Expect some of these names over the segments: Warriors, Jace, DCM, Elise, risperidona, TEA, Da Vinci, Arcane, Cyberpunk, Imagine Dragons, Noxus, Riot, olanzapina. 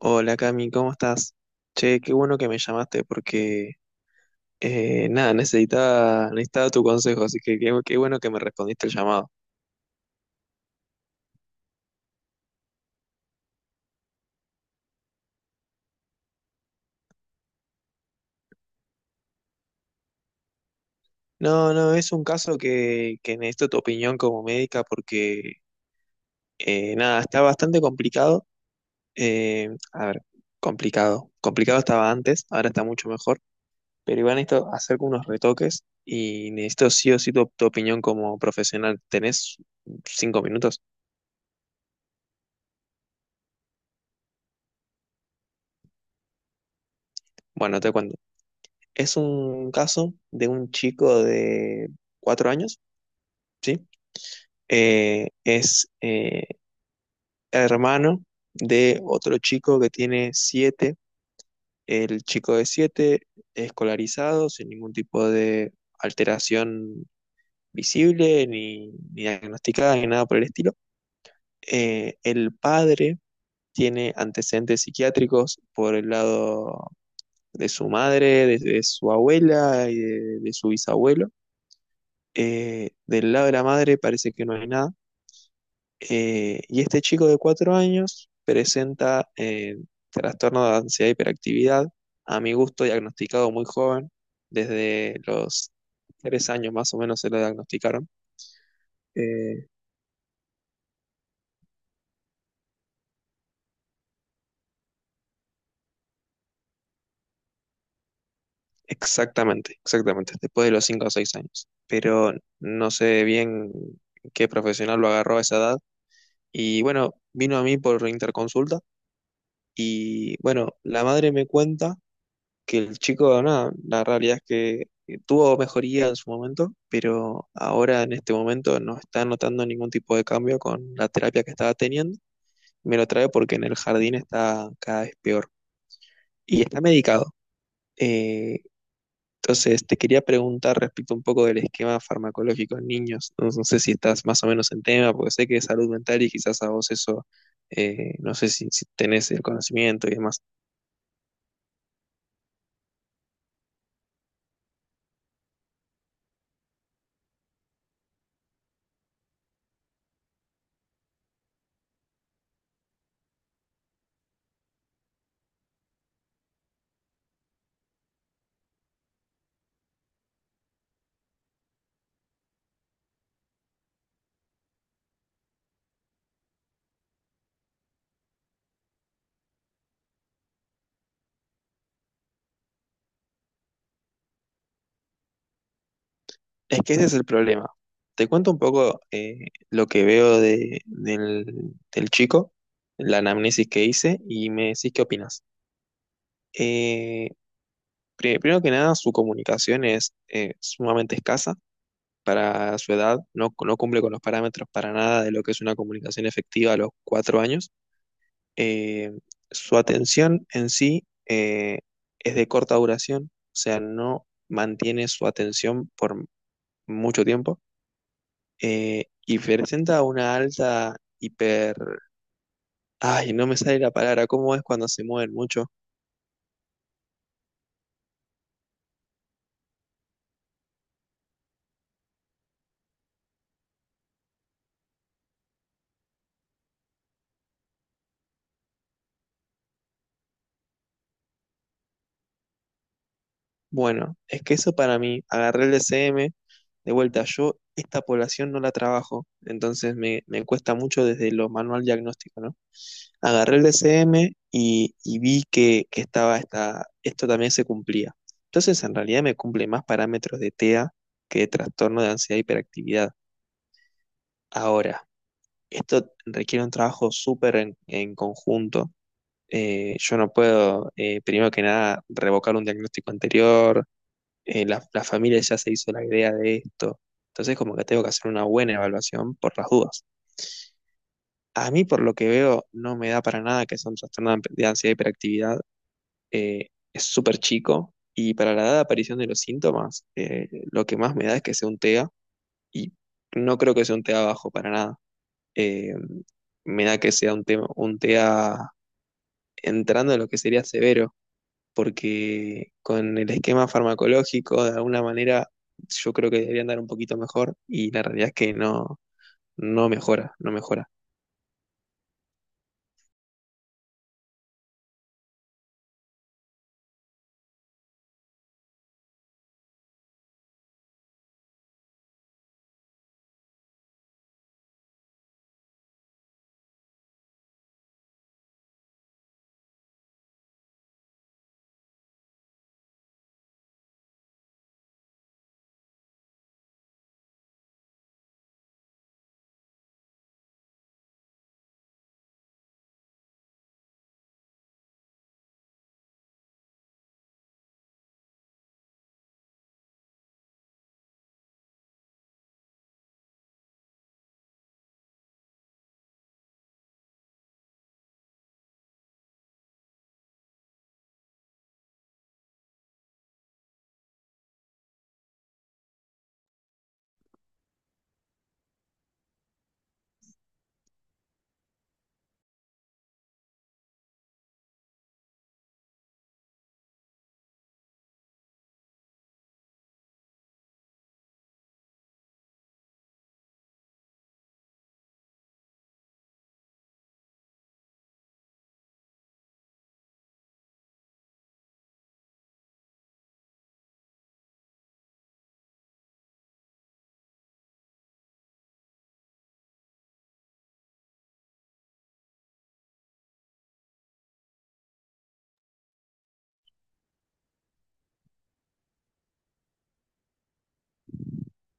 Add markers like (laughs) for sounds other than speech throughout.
Hola Cami, ¿cómo estás? Che, qué bueno que me llamaste porque nada, necesitaba tu consejo, así que qué bueno que me respondiste el llamado. No, no, es un caso que necesito tu opinión como médica porque nada, está bastante complicado. A ver, complicado. Complicado estaba antes, ahora está mucho mejor, pero igual necesito hacer unos retoques y necesito sí o sí tu opinión como profesional. ¿Tenés 5 minutos? Bueno, te cuento. Es un caso de un chico de 4 años, ¿sí? Es hermano de otro chico que tiene 7. El chico de 7, escolarizado, sin ningún tipo de alteración visible, ni diagnosticada, ni nada por el estilo. El padre tiene antecedentes psiquiátricos por el lado de su madre, de su abuela y de su bisabuelo. Del lado de la madre parece que no hay nada. Y este chico de 4 años presenta trastorno de ansiedad e hiperactividad, a mi gusto diagnosticado muy joven, desde los 3 años más o menos se lo diagnosticaron. Eh, Exactamente, exactamente, después de los 5 o 6 años. Pero no sé bien qué profesional lo agarró a esa edad. Y bueno, vino a mí por interconsulta. Y bueno, la madre me cuenta que el chico, nada, la realidad es que tuvo mejoría en su momento, pero ahora en este momento no está notando ningún tipo de cambio con la terapia que estaba teniendo. Me lo trae porque en el jardín está cada vez peor y está medicado. Eh, entonces, te quería preguntar respecto un poco del esquema farmacológico en niños. No, no sé si estás más o menos en tema, porque sé que es salud mental y quizás a vos eso, no sé si, si tenés el conocimiento y demás. Es que ese es el problema. Te cuento un poco lo que veo de, del chico, la anamnesis que hice, y me decís qué opinas. Eh, Primero que nada, su comunicación es sumamente escasa para su edad, no, no cumple con los parámetros para nada de lo que es una comunicación efectiva a los 4 años. Eh, Su atención en sí es de corta duración, o sea, no mantiene su atención por mucho tiempo. Y presenta una alta hiper... Ay, no me sale la palabra, ¿cómo es cuando se mueven mucho? Bueno, es que eso para mí, agarré el DCM, de vuelta, yo esta población no la trabajo, entonces me cuesta mucho desde lo manual diagnóstico, ¿no? Agarré el DCM y vi que estaba esta, esto también se cumplía. Entonces, en realidad me cumple más parámetros de TEA que de trastorno de ansiedad e hiperactividad. Ahora, esto requiere un trabajo súper en conjunto. Yo no puedo, primero que nada, revocar un diagnóstico anterior. La familia ya se hizo la idea de esto, entonces como que tengo que hacer una buena evaluación por las dudas. A mí, por lo que veo, no me da para nada que sea un trastorno de ansiedad y hiperactividad. Es súper chico, y para la edad de aparición de los síntomas, lo que más me da es que sea un TEA, y no creo que sea un TEA bajo para nada. Eh, Me da que sea tema un TEA entrando en lo que sería severo, porque con el esquema farmacológico, de alguna manera, yo creo que debería andar un poquito mejor y la realidad es que no, no mejora, no mejora.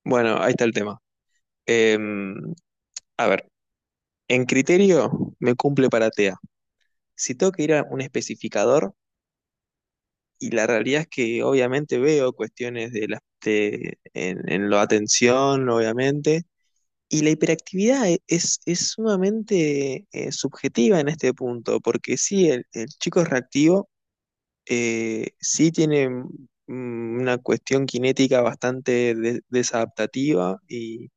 Bueno, ahí está el tema. Em, a ver, en criterio me cumple para TEA. Si tengo que ir a un especificador, y la realidad es que obviamente veo cuestiones de la, de- en la atención, obviamente, y la hiperactividad es sumamente subjetiva en este punto, porque sí, el chico es reactivo, sí tiene una cuestión cinética bastante desadaptativa y,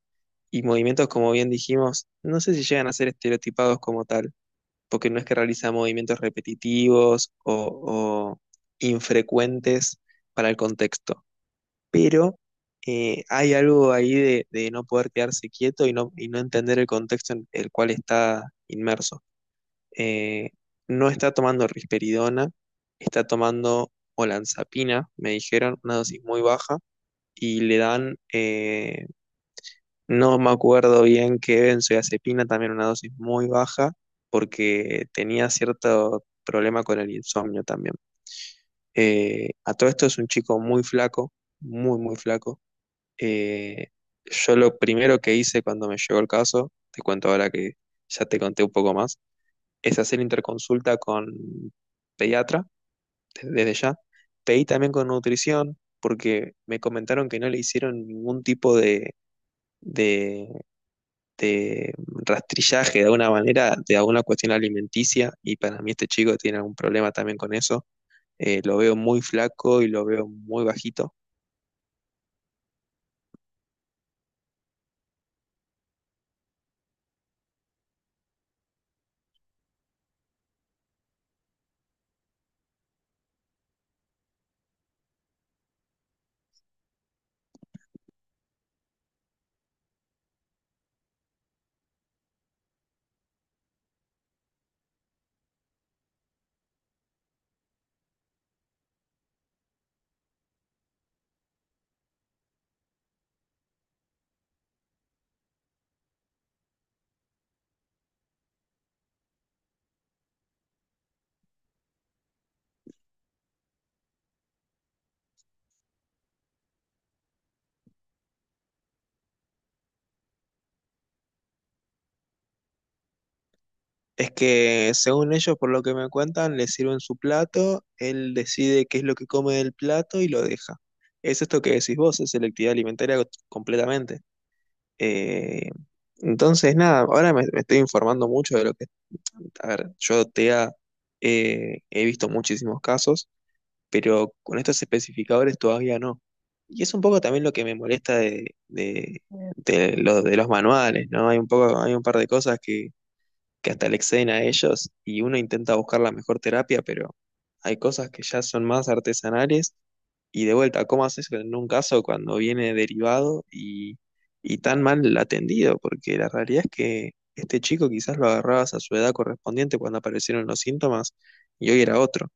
y movimientos, como bien dijimos, no sé si llegan a ser estereotipados como tal, porque no es que realiza movimientos repetitivos o infrecuentes para el contexto, pero hay algo ahí de no poder quedarse quieto y no entender el contexto en el cual está inmerso. eh, no está tomando risperidona, está tomando olanzapina, me dijeron, una dosis muy baja, y le dan, no me acuerdo bien qué benzodiazepina, también una dosis muy baja, porque tenía cierto problema con el insomnio también. A todo esto es un chico muy flaco, muy, muy flaco. Eh, yo lo primero que hice cuando me llegó el caso, te cuento ahora que ya te conté un poco más, es hacer interconsulta con pediatra, desde ya. Pedí también con nutrición, porque me comentaron que no le hicieron ningún tipo de, de rastrillaje de alguna manera de alguna cuestión alimenticia, y para mí este chico tiene algún problema también con eso. Lo veo muy flaco y lo veo muy bajito. Es que según ellos, por lo que me cuentan, le sirven su plato, él decide qué es lo que come del plato y lo deja. Es esto que decís vos, es selectividad alimentaria completamente. Eh, entonces, nada, ahora me estoy informando mucho de lo que... A ver, yo TEA he visto muchísimos casos, pero con estos especificadores todavía no. Y es un poco también lo que me molesta de de los manuales, ¿no? Hay un poco, hay un par de cosas que hasta le exceden a ellos y uno intenta buscar la mejor terapia, pero hay cosas que ya son más artesanales y de vuelta, ¿cómo haces en un caso cuando viene derivado y tan mal atendido? Porque la realidad es que este chico quizás lo agarrabas a su edad correspondiente cuando aparecieron los síntomas y hoy era otro.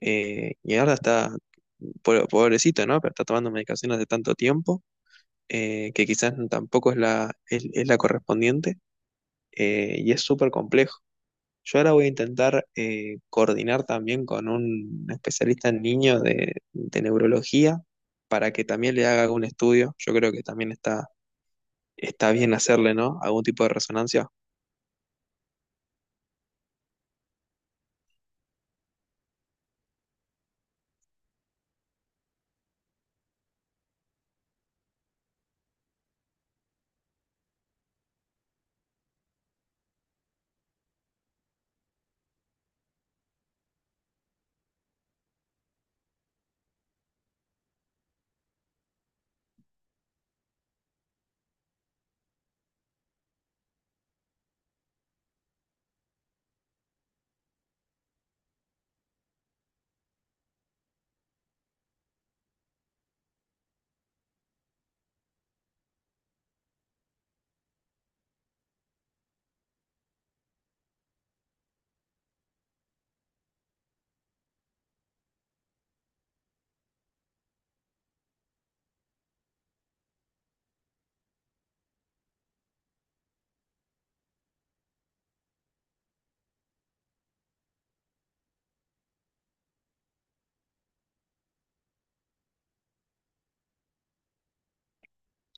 Y ahora está, pobrecito, ¿no? Pero está tomando medicación hace tanto tiempo, que quizás tampoco es la, es la correspondiente, y es súper complejo. Yo ahora voy a intentar coordinar también con un especialista en niños de neurología para que también le haga algún estudio. Yo creo que también está bien hacerle, ¿no? Algún tipo de resonancia.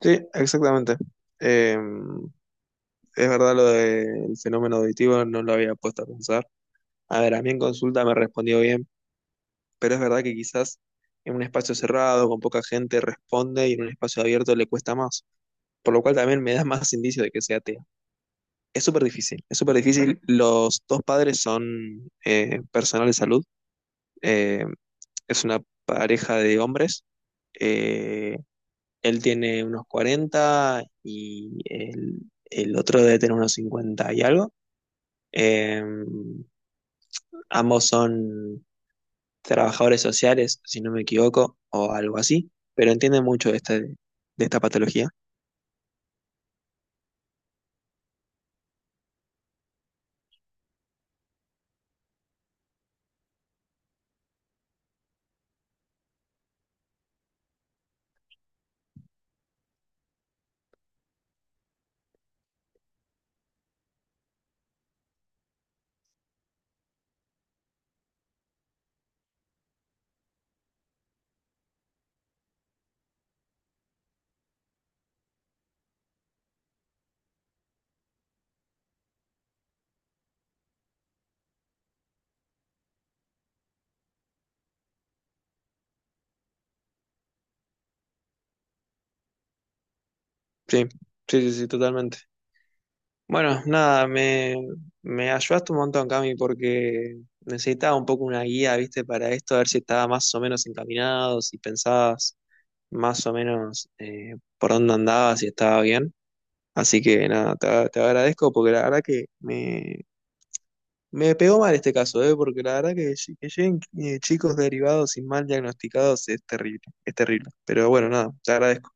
Sí, exactamente. Eh, es verdad lo del fenómeno auditivo, no lo había puesto a pensar. A ver, a mí en consulta me respondió bien, pero es verdad que quizás en un espacio cerrado, con poca gente, responde y en un espacio abierto le cuesta más. Por lo cual también me da (laughs) más indicio de que sea TEA. Es súper difícil, es súper difícil. Los dos padres son personal de salud, eh, es una pareja de hombres. eh, Él tiene unos 40 y el otro debe tener unos 50 y algo. Eh, Ambos son trabajadores sociales, si no me equivoco, o algo así, pero entienden mucho de, de esta patología. Sí, sí, sí, sí, totalmente. Bueno, nada, me ayudaste un montón, Cami, porque necesitaba un poco una guía, ¿viste? Para esto, a ver si estaba más o menos encaminado, si pensabas más o menos por dónde andabas, si estaba bien. Así que nada, te agradezco porque la verdad que me pegó mal este caso, ¿eh? Porque la verdad que, que lleguen chicos derivados y mal diagnosticados es terrible, es terrible. Pero bueno, nada, te agradezco.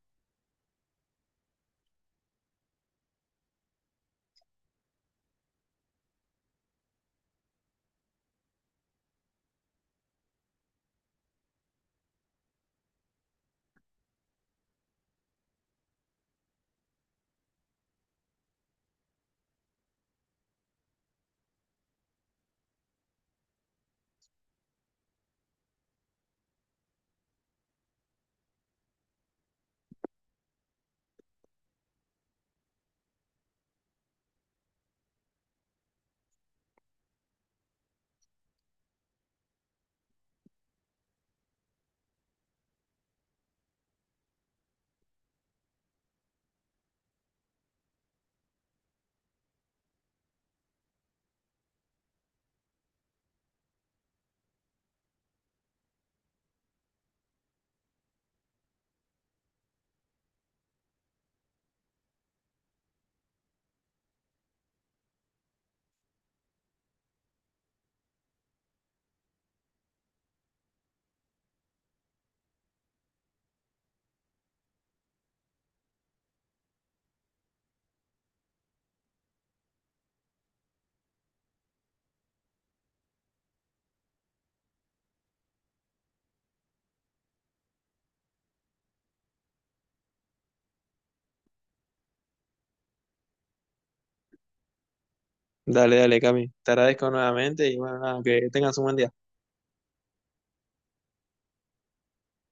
Dale, dale, Cami, te agradezco nuevamente y bueno, nada, que tengas un buen día.